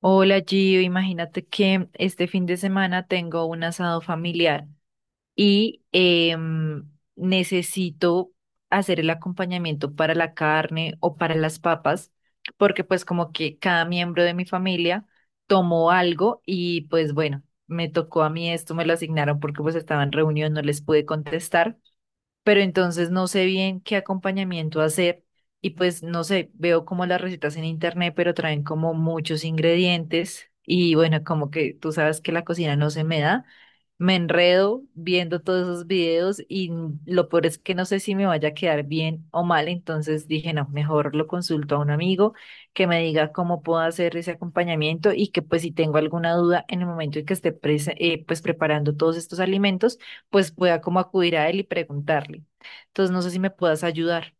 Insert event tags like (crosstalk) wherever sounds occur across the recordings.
Hola Gio, imagínate que este fin de semana tengo un asado familiar y necesito hacer el acompañamiento para la carne o para las papas, porque pues como que cada miembro de mi familia tomó algo y pues bueno, me tocó a mí esto, me lo asignaron porque pues estaba en reunión, no les pude contestar pero entonces no sé bien qué acompañamiento hacer y pues no sé, veo como las recetas en internet, pero traen como muchos ingredientes y bueno, como que tú sabes que la cocina no se me da, me enredo viendo todos esos videos y lo peor es que no sé si me vaya a quedar bien o mal, entonces dije, no, mejor lo consulto a un amigo que me diga cómo puedo hacer ese acompañamiento y que pues si tengo alguna duda en el momento en que esté pues preparando todos estos alimentos, pues pueda como acudir a él y preguntarle. Entonces, no sé si me puedas ayudar.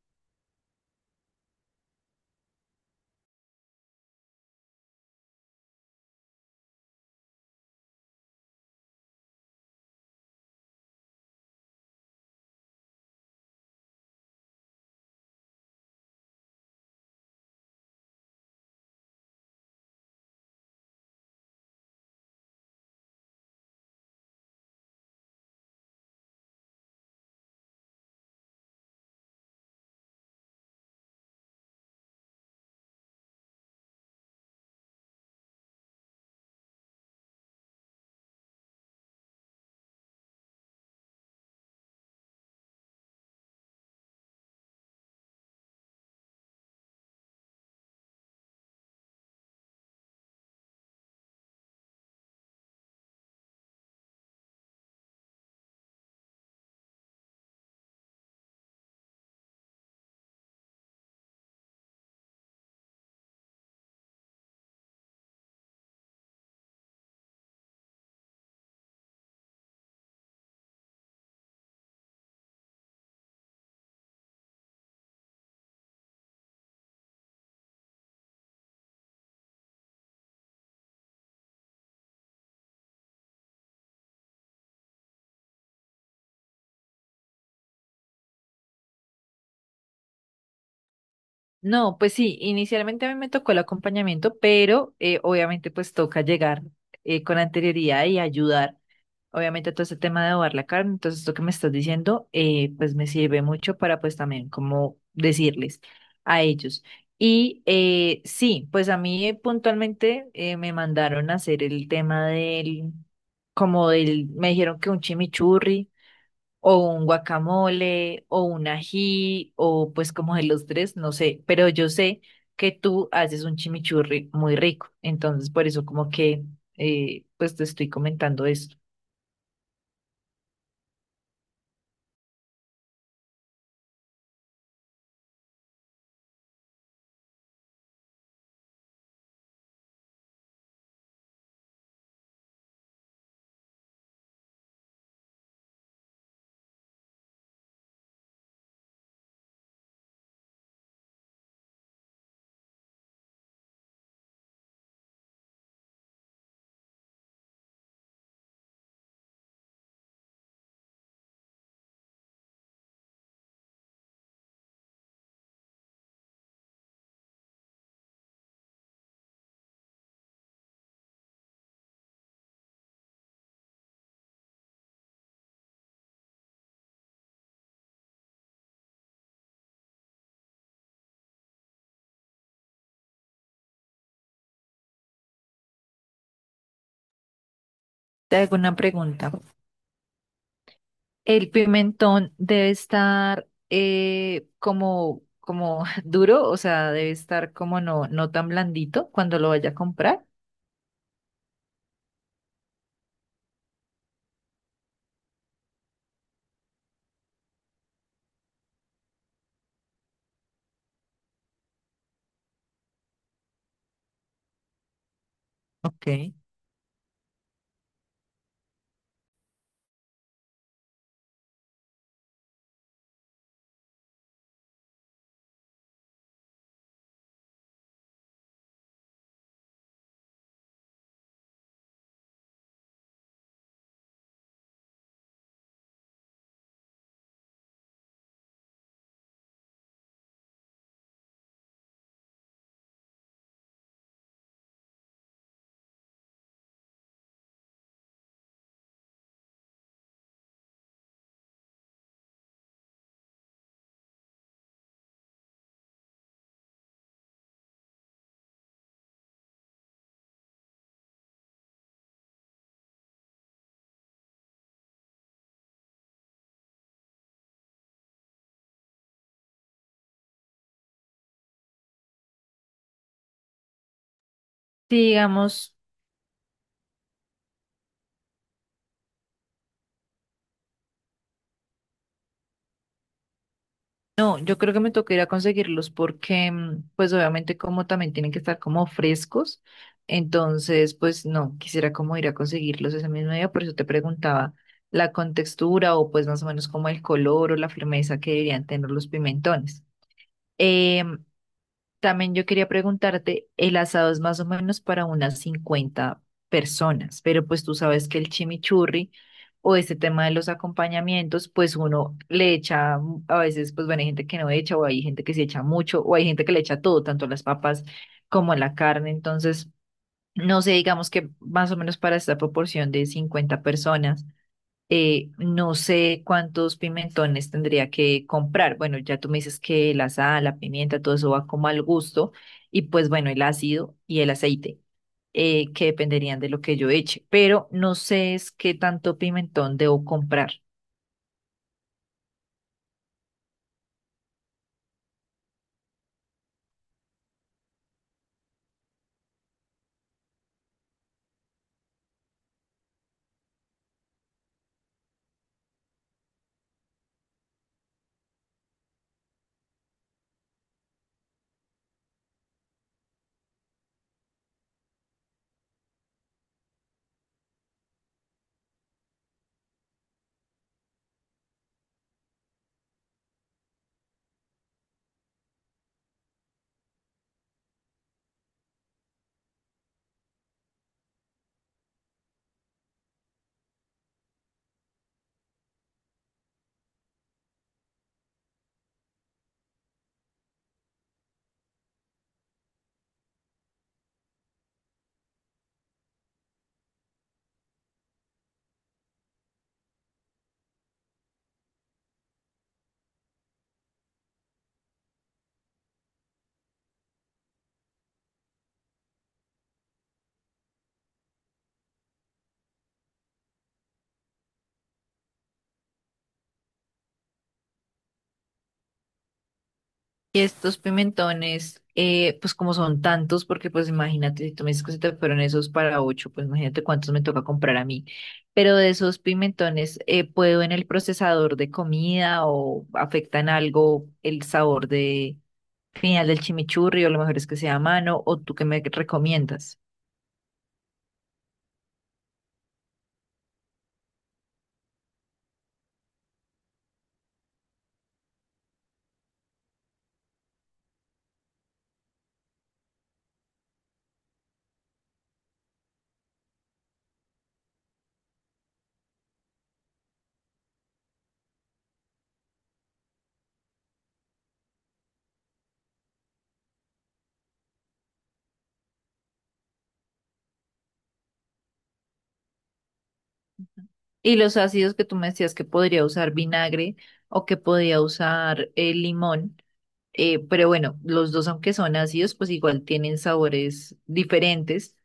No, pues sí, inicialmente a mí me tocó el acompañamiento, pero obviamente pues toca llegar con anterioridad y ayudar. Obviamente todo este tema de adobar la carne, entonces esto que me estás diciendo, pues me sirve mucho para pues también como decirles a ellos. Y sí, pues a mí puntualmente me mandaron a hacer el tema del, como del, me dijeron que un chimichurri o un guacamole, o un ají, o pues como de los tres, no sé, pero yo sé que tú haces un chimichurri muy rico, entonces por eso como que pues te estoy comentando esto. Te hago una pregunta. ¿El pimentón debe estar como, como (laughs) duro? O sea, debe estar como no, no tan blandito cuando lo vaya a comprar. Ok. Si digamos. No, yo creo que me toca ir a conseguirlos porque, mm, pues obviamente como también tienen que estar como frescos, entonces pues no, quisiera como ir a conseguirlos ese mismo día, por eso te preguntaba la contextura o pues más o menos como el color o la firmeza que deberían tener los pimentones. Em, también yo quería preguntarte, el asado es más o menos para unas 50 personas, pero pues tú sabes que el chimichurri o este tema de los acompañamientos, pues uno le echa, mm, a veces pues bueno, hay gente que no echa o hay gente que se echa mucho o hay gente que le echa todo, tanto las papas como la carne, entonces no sé, digamos que más o menos para esta proporción de 50 personas no sé cuántos pimentones tendría que comprar. Bueno, ya tú me dices que la sal, la pimienta, todo eso va como al gusto. Y pues bueno, el ácido y el aceite, que dependerían de lo que yo eche. Pero no sé es qué tanto pimentón debo comprar. Y estos pimentones, pues como son tantos, porque pues imagínate, si tú me dices que se te fueron esos para 8, pues imagínate cuántos me toca comprar a mí. Pero de esos pimentones, ¿puedo en el procesador de comida o afectan algo el sabor de final del chimichurri o lo mejor es que sea a mano o tú qué me recomiendas? Y los ácidos que tú me decías que podría usar vinagre o que podría usar limón. Pero bueno, los dos, aunque son ácidos, pues igual tienen sabores diferentes.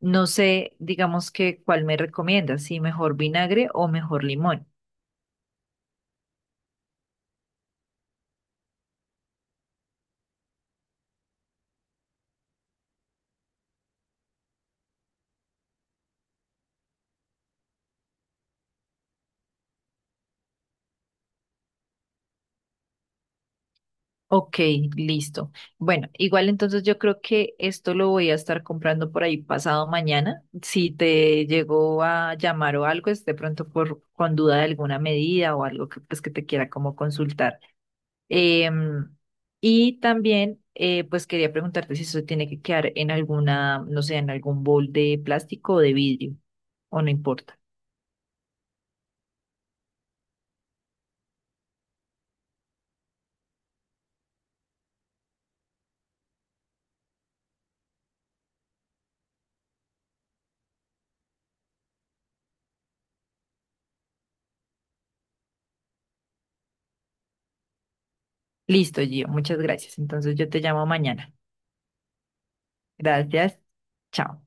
No sé, digamos que cuál me recomiendas, si mejor vinagre o mejor limón. Ok, listo. Bueno, igual entonces yo creo que esto lo voy a estar comprando por ahí pasado mañana. Si te llegó a llamar o algo, es de pronto por con duda de alguna medida o algo que pues que te quiera como consultar. Em, y también, pues quería preguntarte si eso tiene que quedar en alguna, no sé, en algún bol de plástico o de vidrio, o no importa. Listo, Gio, muchas gracias. Entonces yo te llamo mañana. Gracias. Chao.